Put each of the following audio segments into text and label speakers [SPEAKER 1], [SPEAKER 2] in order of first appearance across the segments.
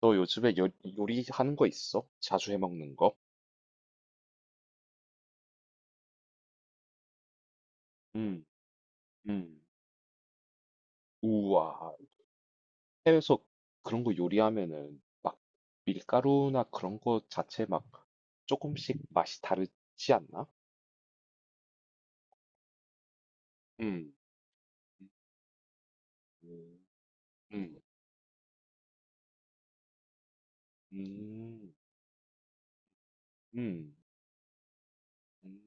[SPEAKER 1] 너 요리하는 거 있어? 자주 해 먹는 거? 음, 음. 우와. 해외에서 그런 거 요리하면은 막 밀가루나 그런 거 자체 막 조금씩 맛이 다르지 않나? 음, 음, 음, 음, 음, 음,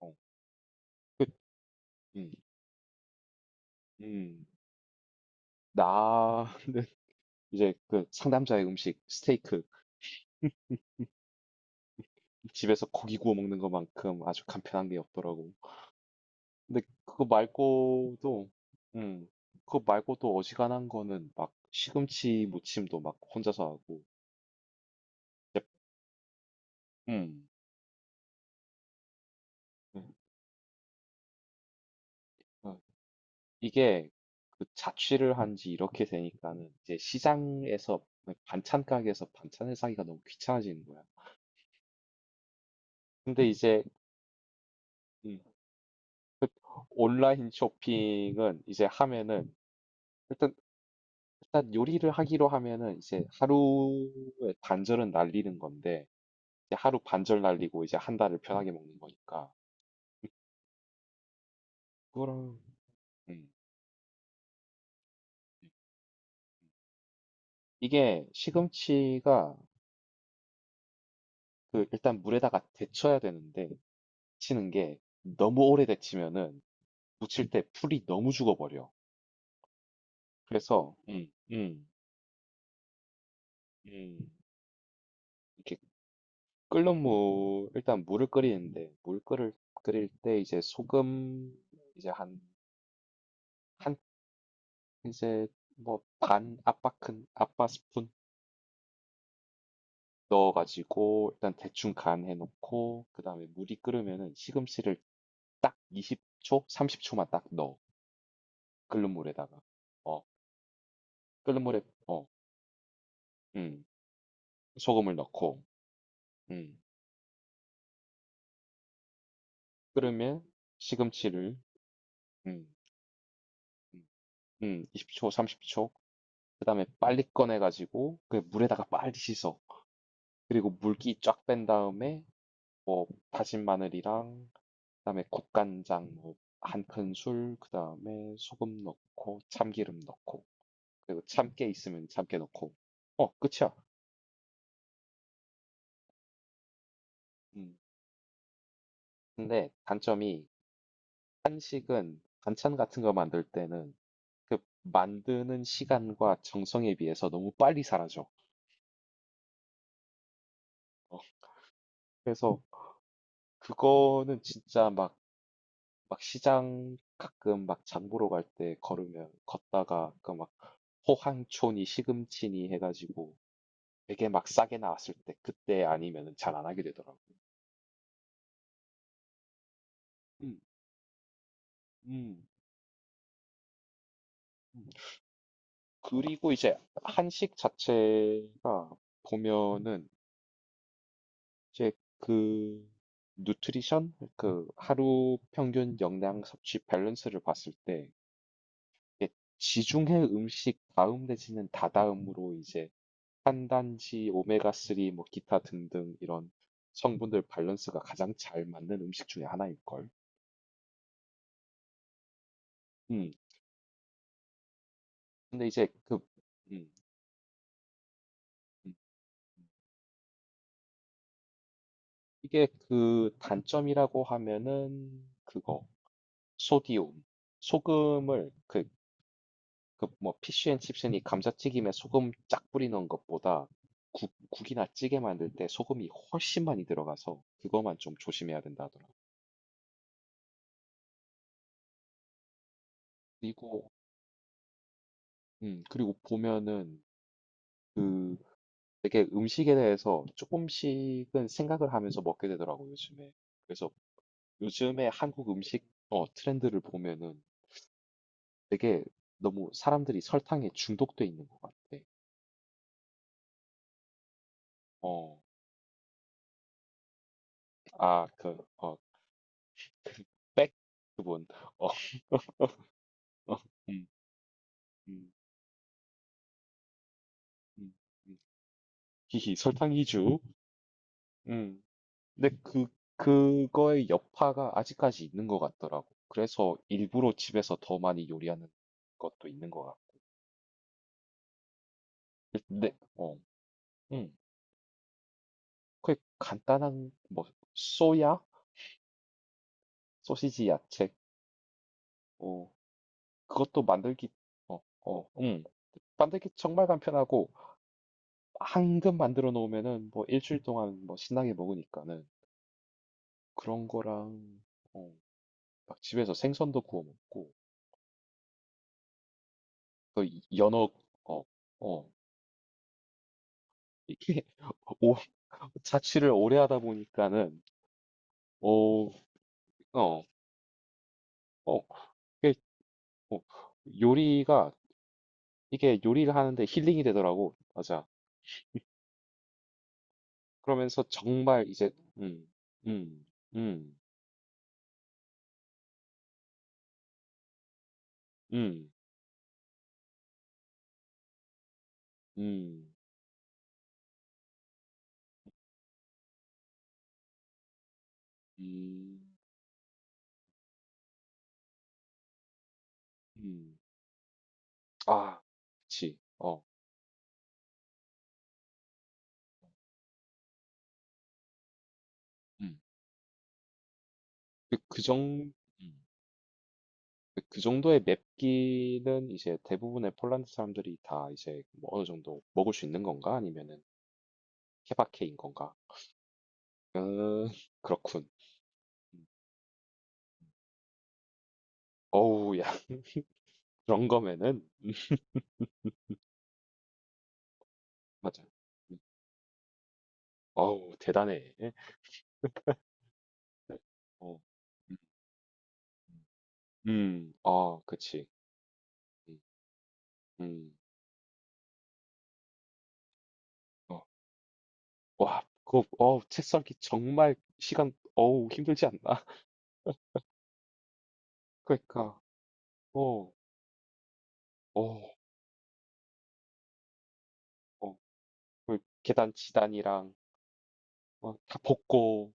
[SPEAKER 1] 어, 음, 음. 나는 그 상남자의 음식, 스테이크, 집에서 고기 구워 먹는 것만큼 아주 간편한 게 없더라고. 근데 그거 말고도, 음, 그거 말고도 어지간한 거는 막 시금치 무침도 막 혼자서 하고, 이제, 음, 음. 어, 이게 그 자취를 한지 이렇게 되니까는 이제 시장에서 네, 반찬 가게에서 반찬을 사기가 너무 귀찮아지는 거야. 근데 이제 음. 그 온라인 쇼핑은 이제 하면은 일단 일단 요리를 하기로 하면은 이제 하루에 반절은 날리는 건데 이제 하루 반절 날리고 이제 한 달을 편하게 먹는 거니까. 그거랑 음, 음. 이게 시금치가 그 일단 물에다가 데쳐야 되는데 데치는 게 너무 오래 데치면은 무칠 때 풀이 너무 죽어버려. 그래서 음. 이렇게 끓는 물 일단 물을 끓이는데 물 끓을 끓일 때 소금 이제 한한 이제 뭐 반 아빠 큰 아빠 스푼 넣어가지고 일단 대충 간 해놓고 그 다음에 물이 끓으면은 시금치를 딱 20초, 30초만 딱 넣어 끓는 물에다가 어 끓는 물에 어 음, 소금을 넣고 음 끓으면 시금치를 음, 음, 20초, 30초 그 다음에 빨리 꺼내가지고 그 물에다가 빨리 씻어. 그리고 물기 쫙 뺀 다음에 뭐 다진 마늘이랑 그다음에 국간장 뭐 한 큰술 그다음에 소금 넣고 참기름 넣고 그리고 참깨 있으면 참깨 넣고 어 끝이야. 음. 근데 단점이 한식은 반찬 같은 거 만들 때는 그 만드는 시간과 정성에 비해서 너무 빨리 사라져. 어, 그래서 그거는 진짜 막 시장 가끔 막 장 보러 갈 때 걸으면 걷다가 그막 호황초니 시금치니 해가지고 되게 막 싸게 나왔을 때 그때 아니면 잘 안 하게 되더라고요. 음, 음, 음. 그리고 이제 한식 자체가 보면은 이제 그 누트리션 그 하루 평균 영양 섭취 밸런스를 봤을 때 이게 지중해 음식 다음 내지는 다다음으로 이제 탄단지 오메가3 뭐 기타 등등 이런 성분들 밸런스가 가장 잘 맞는 음식 중에 하나일 걸. 음. 근데 이제 그 음, 음. 이게 그 단점이라고 하면은 그거 소디움 소금을 뭐 피쉬앤칩스니 감자튀김에 소금 쫙 뿌리는 것보다 국 국이나 찌개 만들 때 소금이 훨씬 많이 들어가서 그거만 좀 조심해야 된다 하더라. 그리고 그리고 보면은 그 되게 음식에 대해서 조금씩은 생각을 하면서 먹게 되더라고 요즘에. 그래서 요즘에 한국 음식 어 트렌드를 보면은 되게 너무 사람들이 설탕에 중독돼 있는 것 같아. 어, 아, 그, 어, 백 그분. 어, 음, 음, 음, 음. 히히, 설탕 이주. 음. 근데 그, 그거의 여파가 아직까지 있는 것 같더라고. 그래서 일부러 집에서 더 많이 요리하는 것도 있는 것 같아. 근데, 어, 음, 그 간단한, 뭐, 소야? 소시지 야채. 어, 그것도 만들기, 어, 어, 음. 만들기 정말 간편하고, 한근 만들어 놓으면은 뭐 일주일 동안 뭐 신나게 먹으니까는 그런 거랑 어, 막 집에서 생선도 구워 먹고 또 연어. 어, 어 이게 오, 자취를 오래 하다 보니까는 오, 어, 어, 그게 어, 요리가 이게 요리를 하는데 힐링이 되더라고. 맞아. 그러면서 정말 이제 음, 음, 음, 음, 음, 음, 음, 아, 그치. 음. 그, 그 정, 음. 그그 정도의 맵기는 이제 대부분의 폴란드 사람들이 다 이제 뭐 어느 정도 먹을 수 있는 건가? 아니면은 케바케인 건가? 음, 그렇군. 음. 어우, 야, 그런 거면은, 맞아. 음. 어우, 대단해. 어. 음, 어, 그치. 음, 음. 어, 와, 그거, 책 써기 정말 시간, 어우, 힘들지 않나? 그러니까, 어, 어, 어, 그 계단 지단이랑 막 다 벗고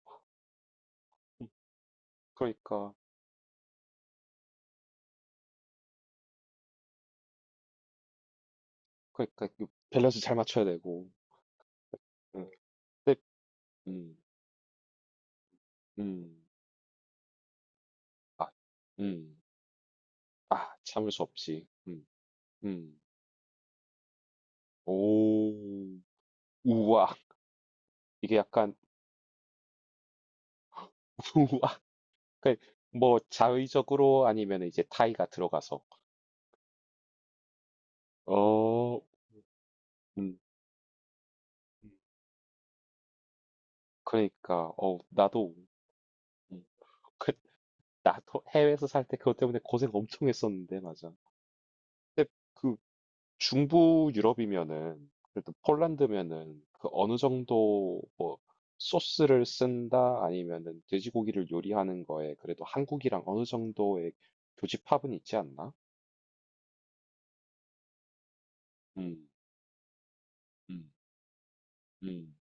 [SPEAKER 1] 음 그러니까, 그러니까 그 밸런스 잘 맞춰야 되고. 음. 근데 음. 음. 아. 음. 아 참을 수 없지. 음. 음. 오. 우와. 이게 약간 우와. 그뭐 자의적으로 아니면 이제 타이가 들어가서. 어. 음. 그러니까 어 나도 음. 그 나도 해외에서 살 때 그것 때문에 고생 엄청 했었는데 맞아. 근데 그 중부 유럽이면은 그래도 폴란드면은 그 어느 정도 뭐 소스를 쓴다 아니면은 돼지고기를 요리하는 거에 그래도 한국이랑 어느 정도의 교집합은 있지 않나? 음, 음, 음,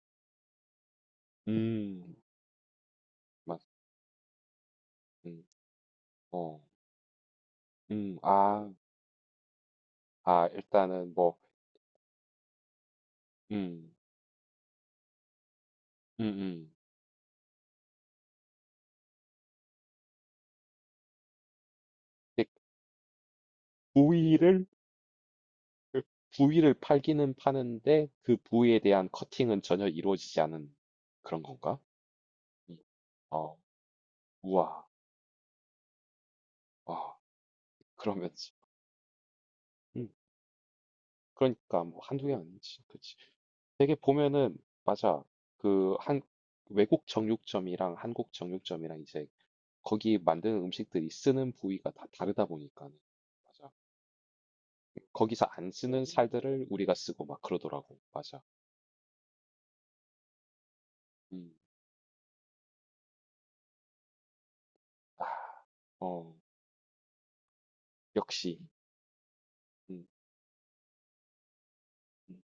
[SPEAKER 1] 음, 맞, 음, 어, 아, 아, 일단은 뭐, 음, 음, 음, 이게 부위를 그 부위를 팔기는 파는데 그 부위에 대한 커팅은 전혀 이루어지지 않은 그런 건가? 음. 어. 우와. 아 그러면서 음 그러니까 뭐 한두 개 아니지. 그치. 되게 보면은 맞아. 그 한 외국 정육점이랑 한국 정육점이랑 이제 거기 만드는 음식들이 쓰는 부위가 다 다르다 보니까는. 맞아. 거기서 안 쓰는 살들을 우리가 쓰고 막 그러더라고. 맞아. 음. 어. 역시. 음. 음.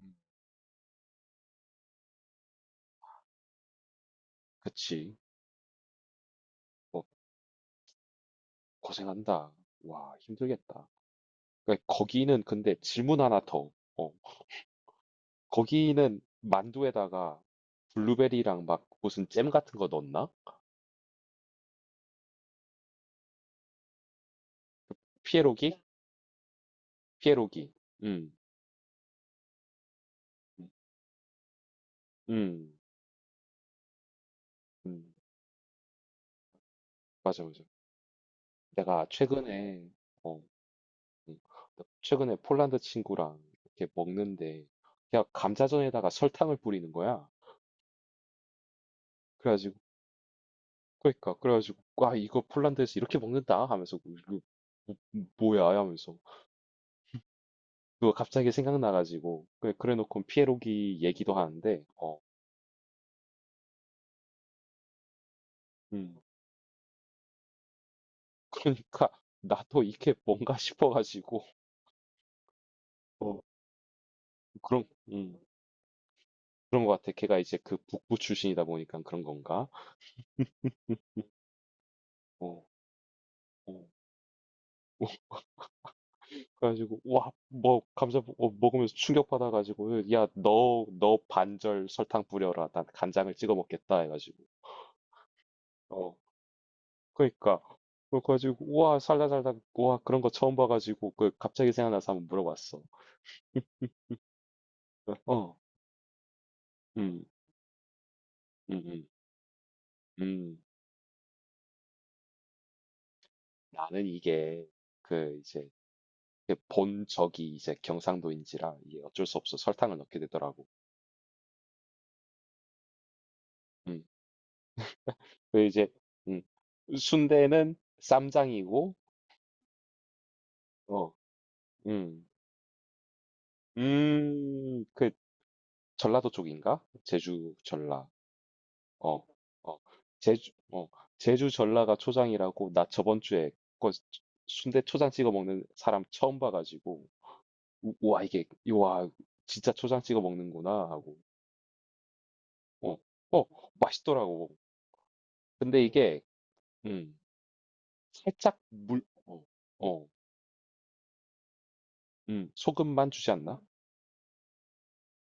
[SPEAKER 1] 음. 그치. 뭐, 고생한다. 와 힘들겠다. 그러니까 거기는 근데 질문 하나 더. 어. 거기는 만두에다가 블루베리랑 막 무슨 잼 같은 거 넣었나? 피에로기? 피에로기. 음, 음, 음, 맞아, 맞아. 내가 최근에, 어, 음, 최근에 폴란드 친구랑 이렇게 먹는데, 그냥 감자전에다가 설탕을 뿌리는 거야. 그래가지고, 그러니까, 그래가지고, 와, 이거 폴란드에서 이렇게 먹는다? 하면서, 뭐, 이거 뭐야? 하면서. 그거 갑자기 생각나가지고, 그래, 그래 놓고 피에로기 얘기도 하는데, 음. 그러니까 나도 이게 뭔가 싶어가지고 어, 그런 음, 그런 것 같아. 걔가 이제 그 북부 출신이다 보니까 그런 건가? 어, 어. 그래가지고 와뭐 먹으면서 충격받아가지고 야너 너 반절 설탕 뿌려라. 난 간장을 찍어 먹겠다 해가지고 어 그러니까 그래가지고 우와 살다 살다 우와 그런 거 처음 봐가지고 그 갑자기 생각나서 한번 물어봤어. 어, 음, 음, 음, 음. 나는 이게 그 이제 이렇게 본 적이 이제 경상도인지라 이게 어쩔 수 없어 설탕을 넣게 되더라고. 음. 그 이제 음. 순대는 쌈장이고 어. 음. 그 전라도 쪽인가? 제주 전라. 어. 어. 제주 어. 제주 전라가 초장이라고 나 저번 주에 그 순대 초장 찍어 먹는 사람 처음 봐 가지고 와 이게 와 진짜 초장 찍어 먹는구나 하고. 어. 어. 맛있더라고. 근데 이게 음. 살짝 물 어 어 소금만 주지 않나?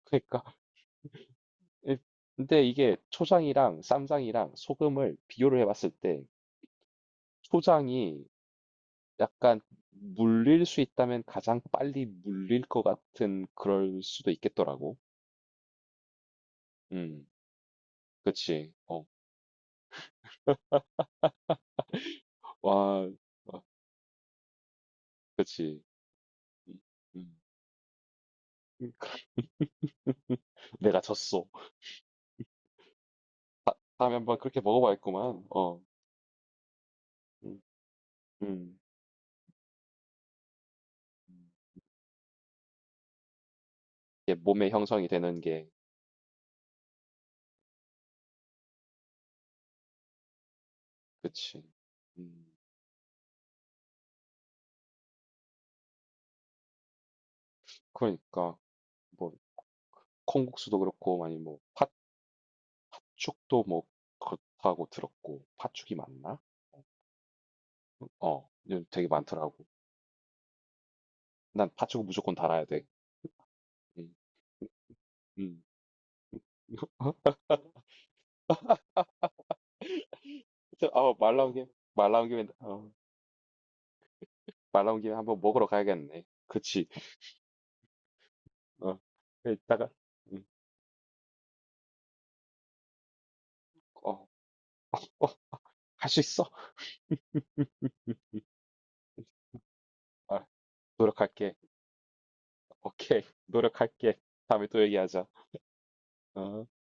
[SPEAKER 1] 그니까 예 근데 이게 초장이랑 쌈장이랑 소금을 비교를 해 봤을 때 초장이 약간 물릴 수 있다면 가장 빨리 물릴 것 같은 그럴 수도 있겠더라고. 음. 그치. 어. 와. 와, 그치. 음. 음. 음. 내가 졌어. 다 다음에 한번 그렇게 먹어 봐야겠구만. 어. 음. 음. 이게 몸의 형성이 되는 게. 그치. 음. 그러니까 뭐 콩국수도 그렇고 아니 뭐 팥 팥죽도 뭐 그렇다고 들었고 팥죽이 맞나? 어, 요즘 되게 많더라고. 난 팥죽은 무조건 달아야 돼. 응. 음, 음. 어, 말 나온 김에 어, 말 나온 김에 한번 먹으러 가야겠네. 그치? 어, 이따가 음, 어, 어, 할 수 있어. 음, 아, 노력할게. 오케이, 노력할게. 다음에 또 얘기하자. 어.